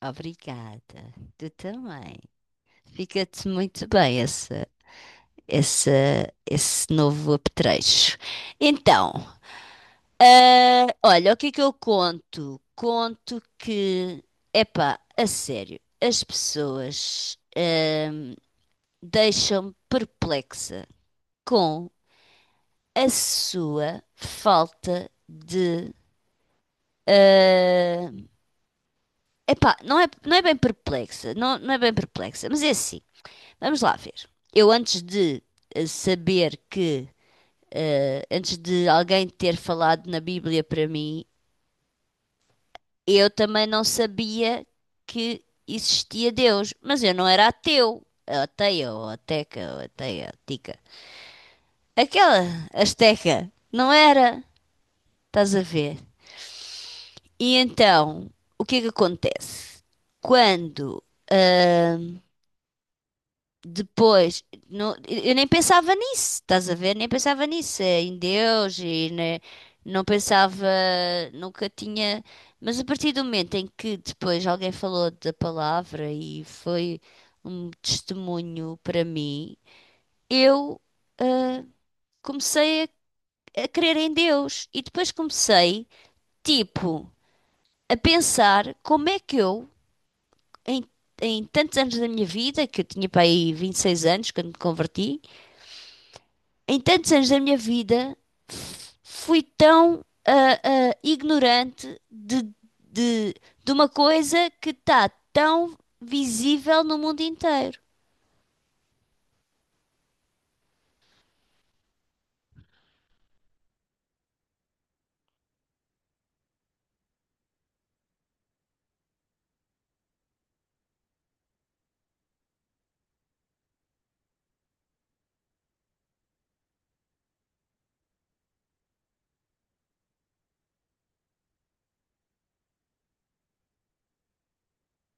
Obrigada. Tu também. Fica-te muito bem esse, esse, esse novo apetrecho. Então, olha, o que é que eu conto? Conto que, epá, a sério, as pessoas, deixam-me perplexa com a sua falta de. ah, epá, não é bem perplexa, não é bem perplexa, mas é assim. Vamos lá ver. Eu antes de saber que, antes de alguém ter falado na Bíblia para mim, eu também não sabia que existia Deus, mas eu não era ateu. Ou ateia, ou ateca, ou ateia, tica. Aquela asteca, não era? Estás a ver? E então, o que é que acontece? Quando ahm, Depois, eu nem pensava nisso, estás a ver? Nem pensava nisso, em Deus e né, não pensava, nunca tinha. Mas a partir do momento em que depois alguém falou da palavra e foi um testemunho para mim, eu ah, comecei a crer em Deus e depois comecei, tipo, a pensar como é que eu, em, em tantos anos da minha vida, que eu tinha para aí 26 anos quando me converti, em tantos anos da minha vida, fui tão ignorante de, de, de uma coisa que está tão visível no mundo inteiro.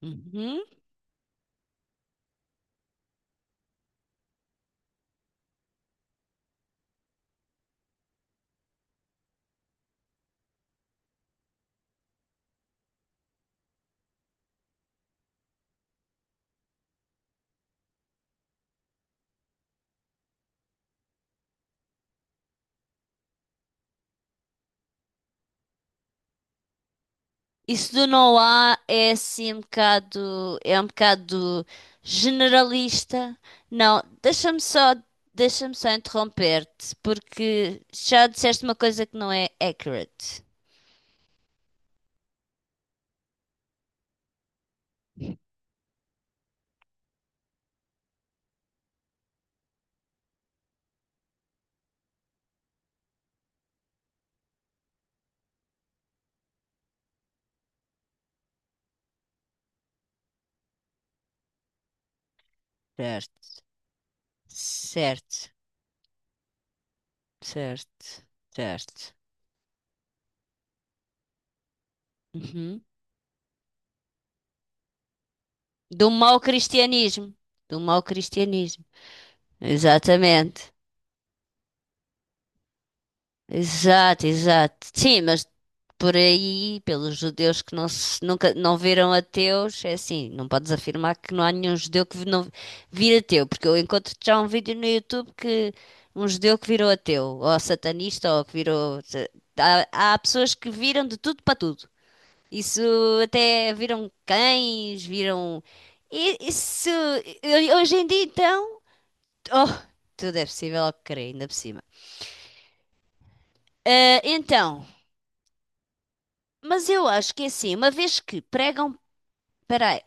Uhum. Isso do não há é assim um bocado, é um bocado generalista. Não, deixa-me só interromper-te, porque já disseste uma coisa que não é accurate. Certo, certo, certo, certo. Uhum. Do mau cristianismo. Do mau cristianismo. Exatamente. Exato, exato. Sim, mas por aí, pelos judeus que nunca não viram ateus, é assim, não podes afirmar que não há nenhum judeu que não vira ateu, porque eu encontro já um vídeo no YouTube que um judeu que virou ateu, ou satanista, ou que virou. Há, há pessoas que viram de tudo para tudo. Isso até viram cães, viram. Isso. Hoje em dia, então. Oh, tudo é possível ao que crer, ainda por cima. Ah, então. Mas eu acho que é assim, uma vez que pregam. Peraí.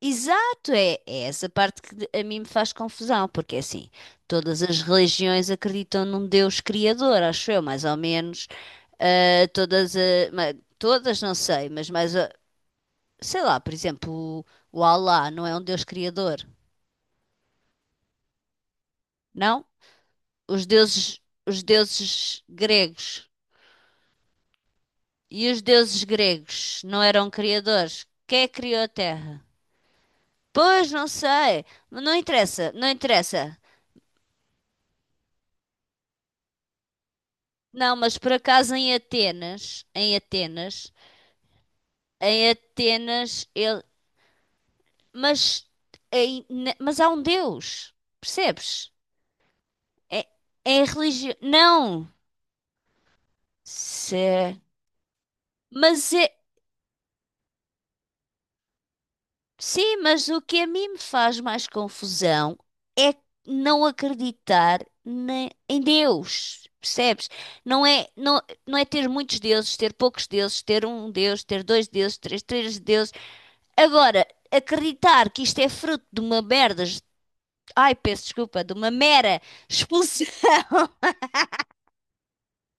Exato, é essa parte que a mim me faz confusão, porque é assim, todas as religiões acreditam num Deus criador, acho eu, mais ou menos. Ah, todas, ah, todas não sei, mas mais, sei lá, por exemplo, o Alá não é um Deus criador, não? Os deuses, os deuses gregos. E os deuses gregos não eram criadores? Quem é que criou a Terra? Pois, não sei. Não interessa, não interessa. Não, mas por acaso em Atenas, em Atenas, em Atenas, ele. Mas, mas há um Deus, percebes? É, é religião. Não. Se... Mas é. Sim, mas o que a mim me faz mais confusão é não acreditar em Deus, percebes? Não é, não, não é ter muitos deuses, ter poucos deuses, ter um deus, ter dois deuses, três deuses. Agora, acreditar que isto é fruto de uma merda, ai, peço desculpa, de uma mera expulsão,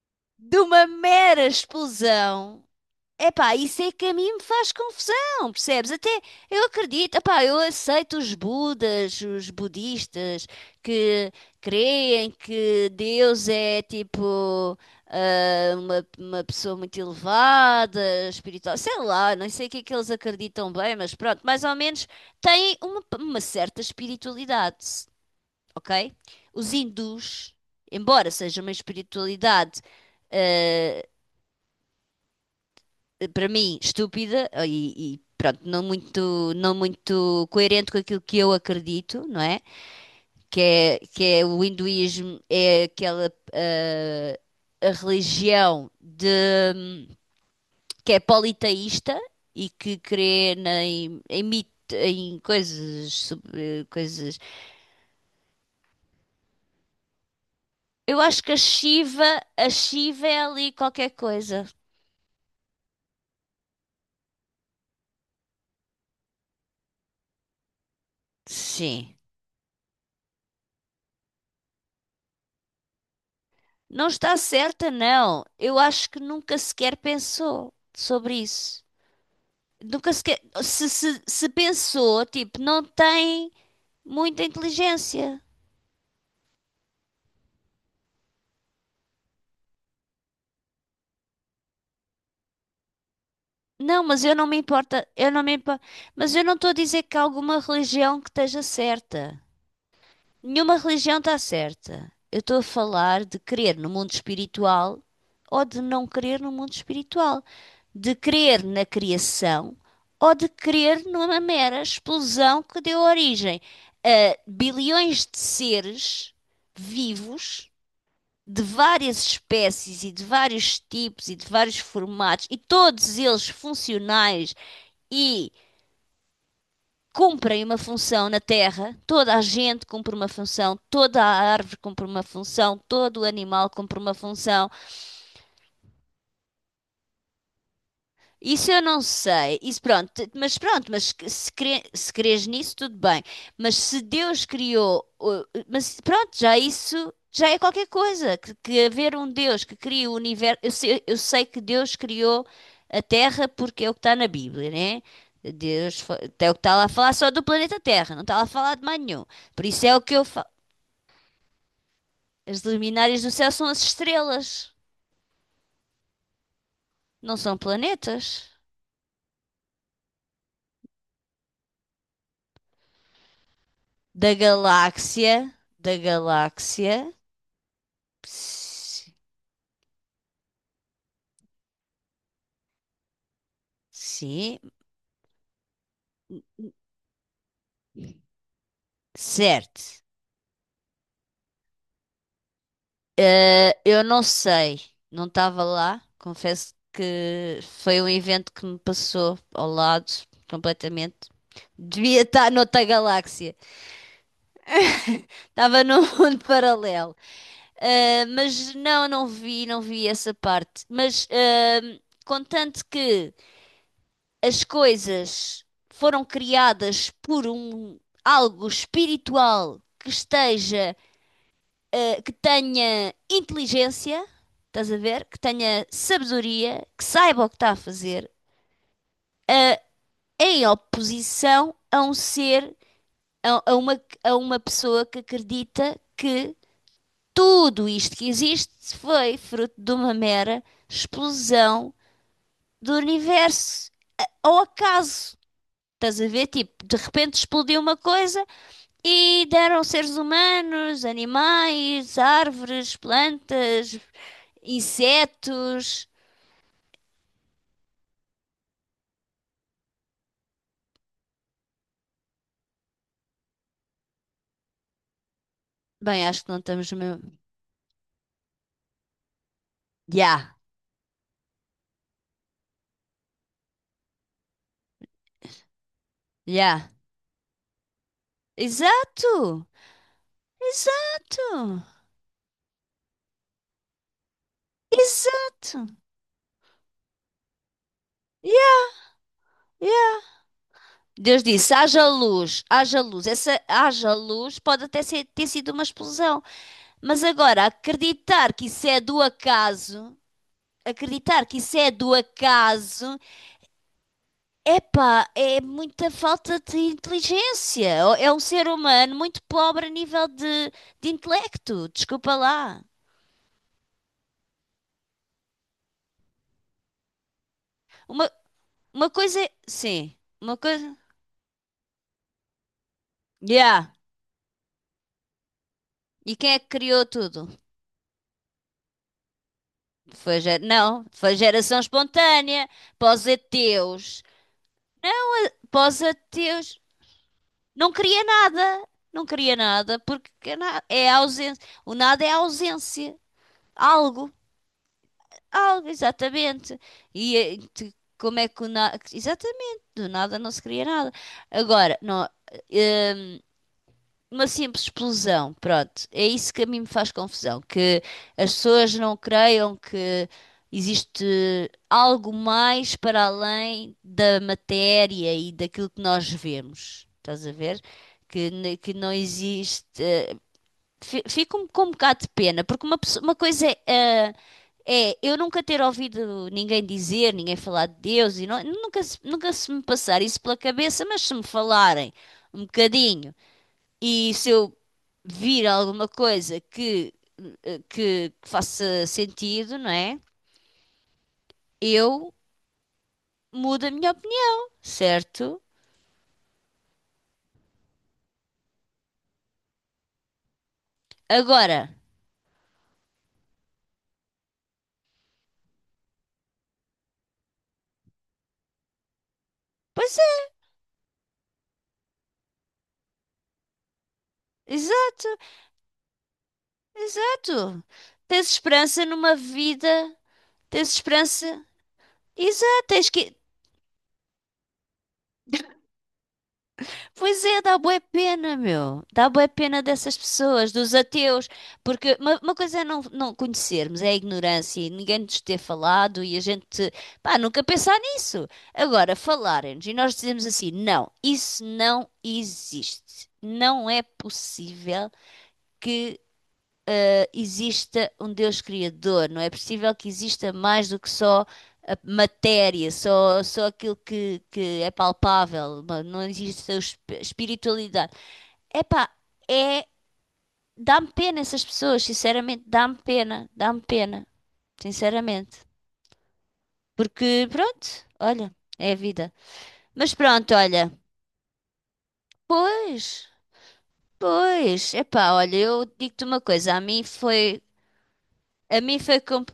de uma mera expulsão. Epá, isso é que a mim me faz confusão, percebes? Até eu acredito, epá, eu aceito os budas, os budistas que creem que Deus é tipo uma pessoa muito elevada, espiritual, sei lá, não sei o que é que eles acreditam bem, mas pronto, mais ou menos têm uma certa espiritualidade, ok? Os hindus, embora seja uma espiritualidade para mim, estúpida pronto, não muito, não muito coerente com aquilo que eu acredito, não é? Que é o hinduísmo, é aquela a religião de, que é politeísta e que crê em em coisas, coisas. Eu acho que a Shiva é ali qualquer coisa. Sim. Não está certa, não. Eu acho que nunca sequer pensou sobre isso. Nunca sequer. Se pensou, tipo, não tem muita inteligência. Não, mas eu não me importa. Eu não me importa. Mas eu não estou a dizer que há alguma religião que esteja certa. Nenhuma religião está certa. Eu estou a falar de crer no mundo espiritual ou de não crer no mundo espiritual. De crer na criação ou de crer numa mera explosão que deu origem a bilhões de seres vivos de várias espécies e de vários tipos e de vários formatos e todos eles funcionais e cumprem uma função na Terra. Toda a gente cumpre uma função, toda a árvore cumpre uma função, todo o animal cumpre uma função. Isso eu não sei. Mas pronto, se, cre se crês nisso, tudo bem. Mas se Deus criou, mas pronto, já isso já é qualquer coisa. Que haver um Deus que cria o universo. Eu sei que Deus criou a Terra porque é o que está na Bíblia, né? É o que está lá a falar só do planeta Terra, não está lá a falar de mais nenhum. Por isso é o que eu falo. As luminárias do céu são as estrelas, não são planetas. Da galáxia, da galáxia. S- Sim, certo. Eu não sei, não estava lá. Confesso que foi um evento que me passou ao lado completamente. Devia estar noutra galáxia, estava num mundo paralelo. Mas não, não vi, não vi essa parte. Mas contanto que as coisas foram criadas por um algo espiritual que esteja. Que tenha inteligência, estás a ver? Que tenha sabedoria, que saiba o que está a fazer, eh, em oposição a um ser, a uma pessoa que acredita que tudo isto que existe foi fruto de uma mera explosão do universo, ao acaso. Estás a ver? Tipo, de repente explodiu uma coisa. E deram seres humanos, animais, árvores, plantas, insetos. Bem, acho que não estamos mesmo. Já, já. Exato! Exato! Exato! Yeah, yeah. Deus disse: haja luz, haja luz. Essa haja luz pode até ter sido uma explosão. Mas agora, acreditar que isso é do acaso, acreditar que isso é do acaso, epá, é muita falta de inteligência. É um ser humano muito pobre a nível de intelecto. Desculpa lá. Uma, uma coisa é. Sim, uma coisa. Yeah. E quem é que criou tudo? Não, foi geração espontânea. Pós ateus. Pós ateus. Não cria nada. Não cria nada porque é a ausência. O nada é a ausência. Algo. Algo, exatamente. E eh, te- como é que o na... Exatamente, do nada não se cria nada. Agora, não, hum, uma simples explosão, pronto, é isso que a mim me faz confusão, que as pessoas não creiam que existe algo mais para além da matéria e daquilo que nós vemos. Estás a ver? Que não existe. Fico com um bocado de pena, porque uma coisa é. Eu nunca ter ouvido ninguém dizer, ninguém falar de Deus, e nunca, nunca se me passar isso pela cabeça, mas se me falarem um bocadinho e se eu vir alguma coisa que, que faça sentido, não é? Eu mudo a minha opinião, certo? Agora, pois é, exato, exato. Tens esperança numa vida, tens esperança, exato, tens que, pois é, dá bué pena, meu. Dá bué pena dessas pessoas, dos ateus, porque uma coisa é não conhecermos, é a ignorância e ninguém nos ter falado e a gente, pá, nunca pensar nisso. Agora, falarem-nos e nós dizemos assim, não, isso não existe. Não é possível que exista um Deus criador, não é possível que exista mais do que só a matéria, só aquilo que é palpável, não existe a espiritualidade. Epá, é. Dá-me pena essas pessoas, sinceramente, dá-me pena, sinceramente. Porque, pronto, olha, é a vida. Mas pronto, olha, pois, pois, epá, olha, eu digo-te uma coisa, a mim foi,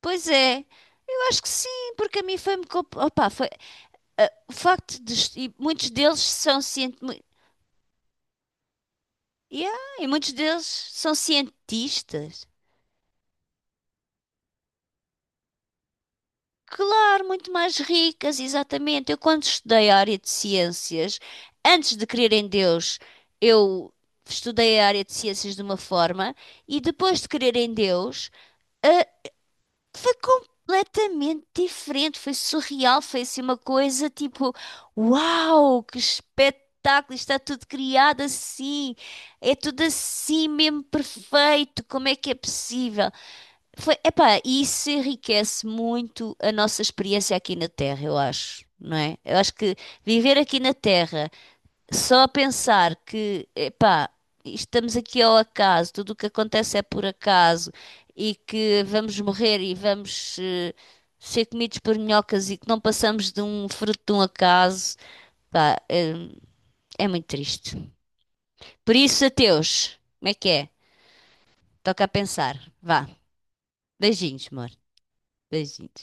pois é, eu acho que sim, porque a mim foi-me, opá, foi, o facto de, e muitos deles são cientistas, yeah, e muitos deles são cientistas, claro, muito mais ricas, exatamente. Eu, quando estudei a área de ciências, antes de crer em Deus, eu estudei a área de ciências de uma forma e depois de crer em Deus, ah, foi completamente diferente. Foi surreal, foi assim uma coisa tipo: uau, que espetáculo! Está tudo criado assim, é tudo assim mesmo perfeito. Como é que é possível? Foi, epá, e isso enriquece muito a nossa experiência aqui na Terra, eu acho, não é? Eu acho que viver aqui na Terra, só a pensar que, epá, estamos aqui ao acaso, tudo o que acontece é por acaso e que vamos morrer e vamos ser comidos por minhocas e que não passamos de um fruto de um acaso, pá, é, é muito triste. Por isso, ateus, como é que é? Toca a pensar. Vá, beijinhos, amor, beijinhos.